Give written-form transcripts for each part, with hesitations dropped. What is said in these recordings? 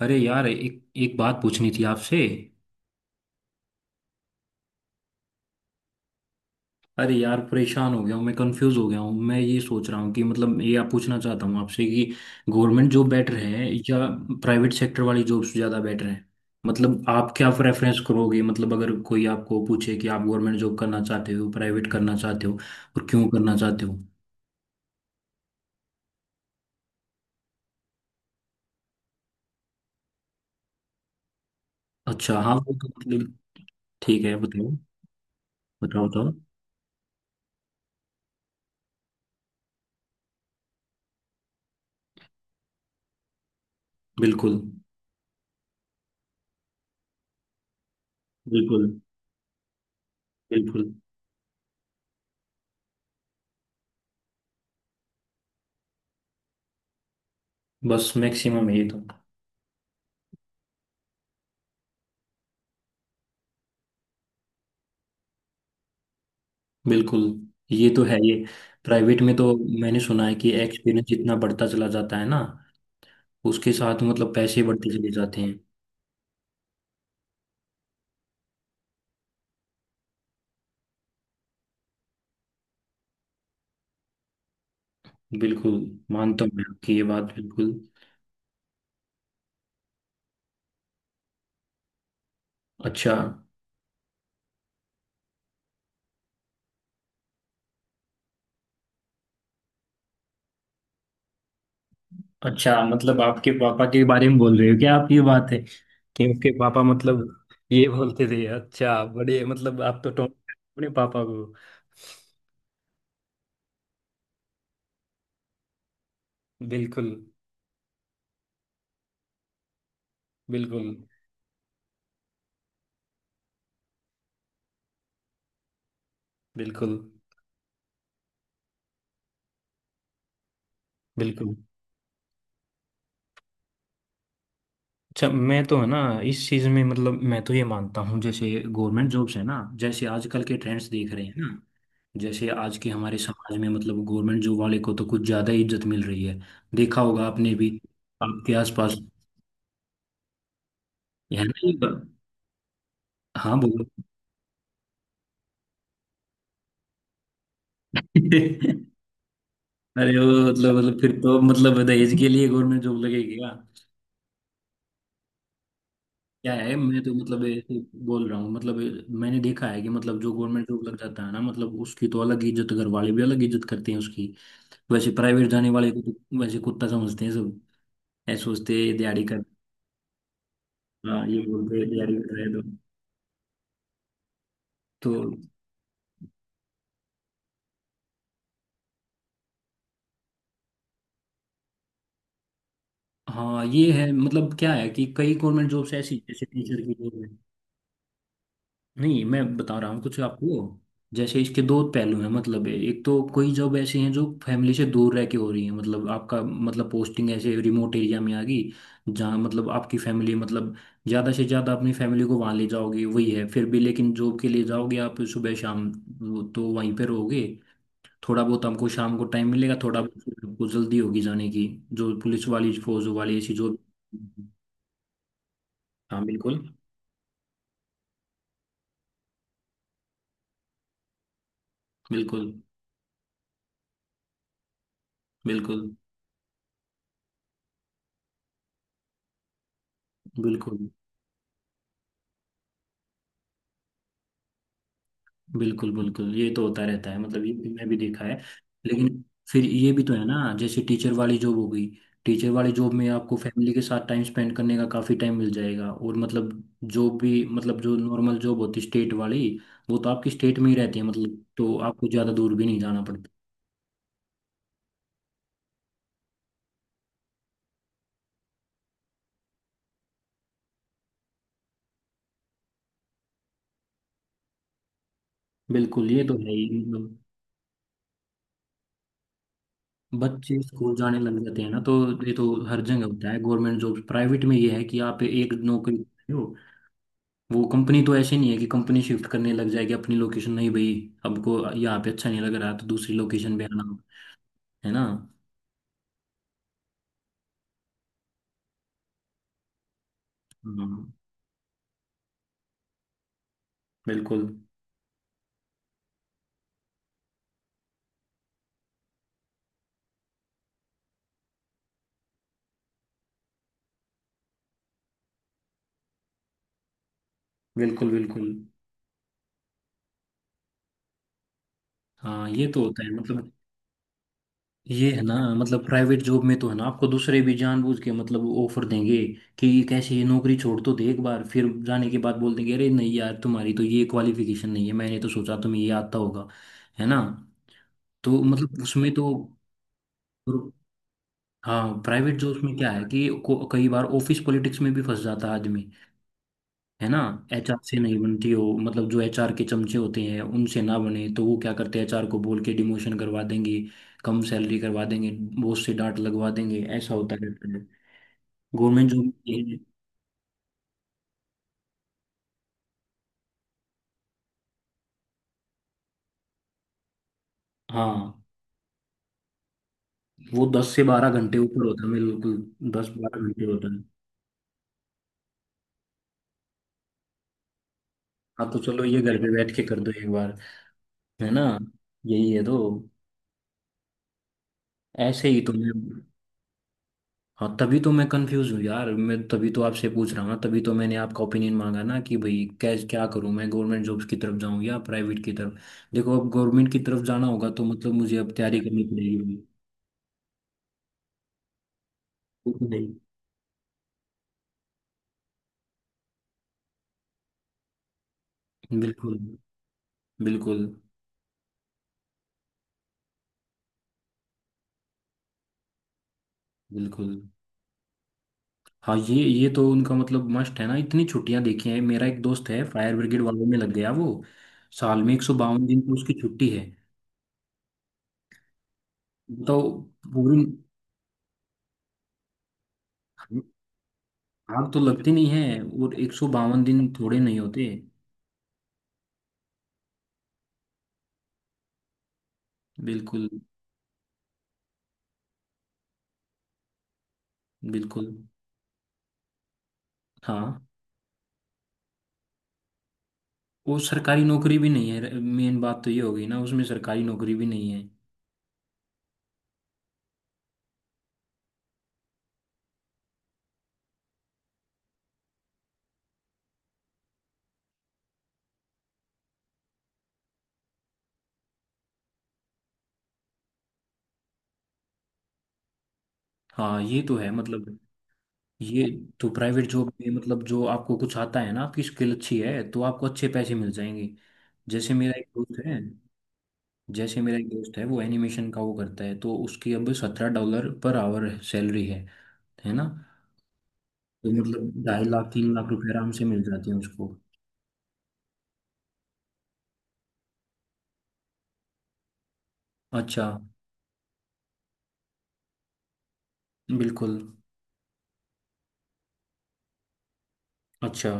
अरे यार, एक एक बात पूछनी थी आपसे। अरे यार, परेशान हो गया हूँ मैं, कंफ्यूज हो गया हूँ मैं। ये सोच रहा हूँ कि मतलब ये आप पूछना चाहता हूँ आपसे कि गवर्नमेंट जॉब बेटर है या प्राइवेट सेक्टर वाली जॉब्स ज़्यादा बेटर है। मतलब आप क्या प्रेफरेंस करोगे? मतलब अगर कोई आपको पूछे कि आप गवर्नमेंट जॉब करना चाहते हो, प्राइवेट करना चाहते हो और क्यों करना चाहते हो? अच्छा हाँ, वो तो मतलब। ठीक है, बताओ, बताओ, बताओ। बिल्कुल, बिल्कुल, बिल्कुल। बस मैक्सिमम है ये तो। बिल्कुल। ये तो है ये। प्राइवेट में तो। मैंने सुना है कि एक्सपीरियंस जितना बढ़ता चला जाता है ना, उसके साथ मतलब पैसे बढ़ते चले जाते हैं। बिल्कुल, मानता हूँ मैं आपकी ये बात। बिल्कुल। अच्छा, अच्छा। मतलब आपके पापा के बारे में बोल रहे हो क्या आप? ये बात है कि आपके पापा मतलब ये बोलते थे? अच्छा, बड़े मतलब आप तो टोक अपने पापा को। बिल्कुल, बिल्कुल, बिल्कुल, बिल्कुल। अच्छा, मैं तो है ना, इस चीज में मतलब मैं तो ये मानता हूँ। जैसे गवर्नमेंट जॉब्स है ना, जैसे आजकल के ट्रेंड्स देख रहे हैं ना, जैसे आज के हमारे समाज में मतलब गवर्नमेंट जॉब वाले को तो कुछ ज्यादा ही इज्जत मिल रही है। देखा होगा आपने भी आपके आसपास, है ना? हाँ, बोलो। अरे, वो मतलब फिर तो मतलब दहेज के लिए गवर्नमेंट जॉब लगेगी क्या? क्या है, मैं तो मतलब ऐसे बोल रहा हूँ मतलब। मैंने देखा है कि मतलब जो गवर्नमेंट जॉब लग जाता है ना, मतलब उसकी तो अलग इज्जत, घर वाले भी अलग इज्जत करते हैं उसकी। वैसे प्राइवेट जाने वाले को तो वैसे कुत्ता समझते हैं सब। ऐसे सोचते हैं, "ये दिहाड़ी कर।" हाँ, ये बोलते हैं दिहाड़ी कर रहे हैं तो। हाँ, ये है मतलब, क्या है कि कई गवर्नमेंट जॉब्स ऐसी हैं, जैसे टीचर की जॉब है। नहीं, मैं बता रहा हूँ कुछ आपको। जैसे इसके दो पहलू हैं, मतलब एक तो कोई जॉब ऐसी हैं जो फैमिली से दूर रह के हो रही है, मतलब आपका मतलब पोस्टिंग ऐसे रिमोट एरिया में आ गई, जहाँ मतलब आपकी फैमिली मतलब ज़्यादा से ज़्यादा अपनी फैमिली को वहाँ ले जाओगे वही है फिर भी, लेकिन जॉब के लिए जाओगे आप सुबह शाम, वो तो वहीं पे रहोगे। थोड़ा बहुत हमको शाम को टाइम मिलेगा, थोड़ा बहुत आपको जल्दी होगी जाने की। जो पुलिस वाली फौज वाली ऐसी जो। हाँ, बिल्कुल, बिल्कुल, बिल्कुल, बिल्कुल, बिल्कुल, बिल्कुल। ये तो होता रहता है मतलब, मैं भी देखा है। लेकिन फिर ये भी तो है ना, जैसे टीचर वाली जॉब हो गई। टीचर वाली जॉब में आपको फैमिली के साथ टाइम स्पेंड करने का काफ़ी टाइम मिल जाएगा, और मतलब जॉब भी मतलब जो नॉर्मल जॉब होती स्टेट वाली वो तो आपकी स्टेट में ही रहती है, मतलब तो आपको ज़्यादा दूर भी नहीं जाना पड़ता। बिल्कुल, ये तो है ही मतलब, बच्चे स्कूल जाने लग जाते हैं ना तो। ये तो हर जगह होता है गवर्नमेंट जॉब प्राइवेट में। ये है कि आप एक नौकरी हो, वो कंपनी तो ऐसे नहीं है कि कंपनी शिफ्ट करने लग जाएगी अपनी लोकेशन। नहीं भाई, हमको यहाँ पे अच्छा नहीं लग रहा तो दूसरी लोकेशन पे आना, है ना? हाँ, बिल्कुल, बिल्कुल, बिल्कुल। हाँ, ये तो होता है मतलब। ये है ना मतलब, प्राइवेट जॉब में तो है ना, आपको दूसरे भी जानबूझ के मतलब ऑफर देंगे कि कैसे ये नौकरी छोड़ तो दे, एक बार फिर जाने के बाद बोल देंगे, अरे नहीं यार, तुम्हारी तो ये क्वालिफिकेशन नहीं है, मैंने तो सोचा तुम्हें ये आता होगा, है ना? तो मतलब उसमें तो। हाँ, प्राइवेट जॉब्स में क्या है कि कई बार ऑफिस पॉलिटिक्स में भी फंस जाता है आदमी, है ना? एचआर से नहीं बनती हो मतलब, जो एचआर के चमचे होते हैं उनसे ना बने तो वो क्या करते हैं एचआर को बोल के डिमोशन करवा देंगे, कम सैलरी करवा देंगे, बॉस से डांट लगवा देंगे। ऐसा होता है गवर्नमेंट जॉब में- हाँ, वो 10 से 12 घंटे ऊपर होता है बिल्कुल। 10-12 घंटे होता है। हाँ, तो चलो ये घर पे बैठ के कर दो एक बार, है ना? यही है तो, ऐसे ही तुम्हें। हाँ, तभी तो मैं कंफ्यूज हूँ यार, मैं तभी तो आपसे पूछ रहा हूँ ना, तभी तो मैंने आपका ओपिनियन मांगा ना कि भाई कैसे क्या करूँ, मैं गवर्नमेंट जॉब्स की तरफ जाऊँ या प्राइवेट की तरफ? देखो, अब गवर्नमेंट की तरफ जाना होगा तो मतलब मुझे अब तैयारी करनी पड़ेगी। बिल्कुल नहीं। बिल्कुल, बिल्कुल, बिल्कुल। हाँ, ये तो उनका मतलब मस्ट है ना, इतनी छुट्टियां देखी हैं। मेरा एक दोस्त है, फायर ब्रिगेड वालों में लग गया वो, साल में 152 दिन की उसकी छुट्टी है तो पूरी। आग तो लगती नहीं है और 152 दिन थोड़े नहीं होते। बिल्कुल, बिल्कुल। हाँ, वो सरकारी नौकरी भी नहीं है, मेन बात तो ये हो गई ना, उसमें सरकारी नौकरी भी नहीं है। हाँ, ये तो है मतलब। ये तो प्राइवेट जॉब में मतलब, जो आपको कुछ आता है ना, आपकी स्किल अच्छी है तो आपको अच्छे पैसे मिल जाएंगे। जैसे मेरा एक दोस्त है। जैसे मेरा एक दोस्त है, वो एनिमेशन का वो करता है, तो उसकी अब $17 पर आवर सैलरी है ना? तो मतलब 2.5 लाख 3 लाख रुपए आराम से मिल जाते हैं उसको। अच्छा। बिल्कुल। अच्छा,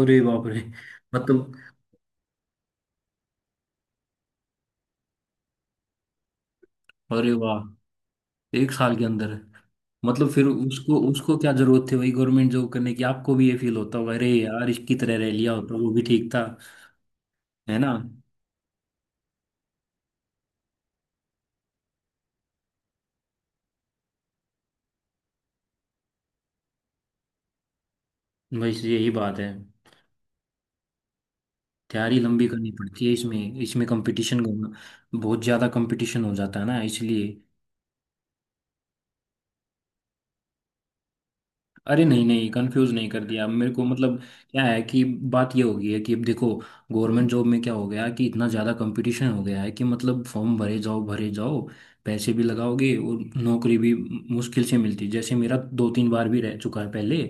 अरे बाप रे! मतलब, अरे वाह! एक साल के अंदर। मतलब फिर उसको उसको क्या जरूरत थी वही गवर्नमेंट जॉब करने की? आपको भी ये फील होता होगा, अरे यार इसकी तरह रह लिया होता वो भी ठीक था, है ना? बस यही बात है। तैयारी लंबी करनी पड़ती है, इसमें इसमें कंपटीशन, बहुत ज्यादा कंपटीशन हो जाता है ना इसलिए। अरे नहीं, नहीं, कंफ्यूज नहीं कर दिया मेरे को मतलब। क्या है कि बात ये हो गई है कि, अब देखो, गवर्नमेंट जॉब में क्या हो गया कि इतना ज़्यादा कंपटीशन हो गया है कि मतलब फॉर्म भरे जाओ, भरे जाओ, पैसे भी लगाओगे और नौकरी भी मुश्किल से मिलती है। जैसे मेरा 2-3 बार भी रह चुका है पहले।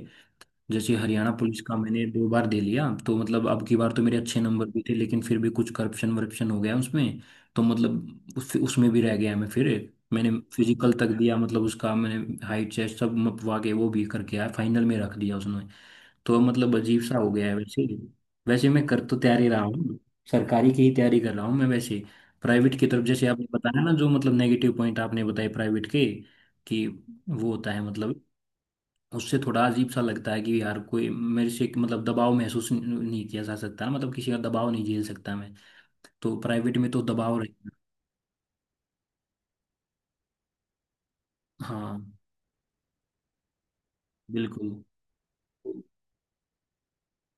जैसे हरियाणा पुलिस का मैंने 2 बार दे लिया तो मतलब अब की बार तो मेरे अच्छे नंबर भी थे, लेकिन फिर भी कुछ करप्शन वरप्शन हो गया उसमें। तो मतलब उसमें भी रह गया मैं। फिर मैंने फिजिकल तक दिया मतलब, उसका मैंने हाइट चेस्ट सब मपवा के वो भी करके आया, फाइनल में रख दिया उसने। तो मतलब अजीब सा हो गया है वैसे ही। वैसे मैं कर तो तैयारी रहा हूँ, सरकारी की ही तैयारी कर रहा हूँ मैं वैसे। प्राइवेट की तरफ जैसे आपने बताया ना, जो मतलब नेगेटिव पॉइंट आपने बताए प्राइवेट के, कि वो होता है मतलब, उससे थोड़ा अजीब सा लगता है कि यार कोई मेरे से एक मतलब दबाव महसूस नहीं किया जा सकता ना, मतलब किसी का दबाव नहीं झेल सकता मैं, तो प्राइवेट में तो दबाव रहेगा। हाँ, बिल्कुल,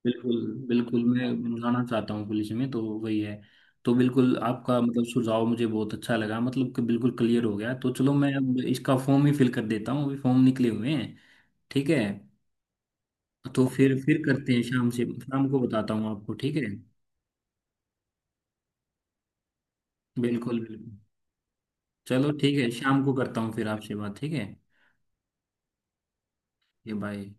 बिल्कुल, बिल्कुल मैं बनवाना चाहता हूँ पुलिस में तो वही है। तो बिल्कुल आपका मतलब सुझाव मुझे बहुत अच्छा लगा मतलब कि बिल्कुल क्लियर हो गया। तो चलो, मैं अब इसका फॉर्म ही फिल कर देता हूँ, अभी फॉर्म निकले हुए हैं। ठीक है, तो फिर करते हैं शाम से। शाम को बताता हूँ आपको, ठीक है? बिल्कुल, बिल्कुल। चलो ठीक है, शाम को करता हूँ फिर आपसे बात। ठीक है, ये बाय।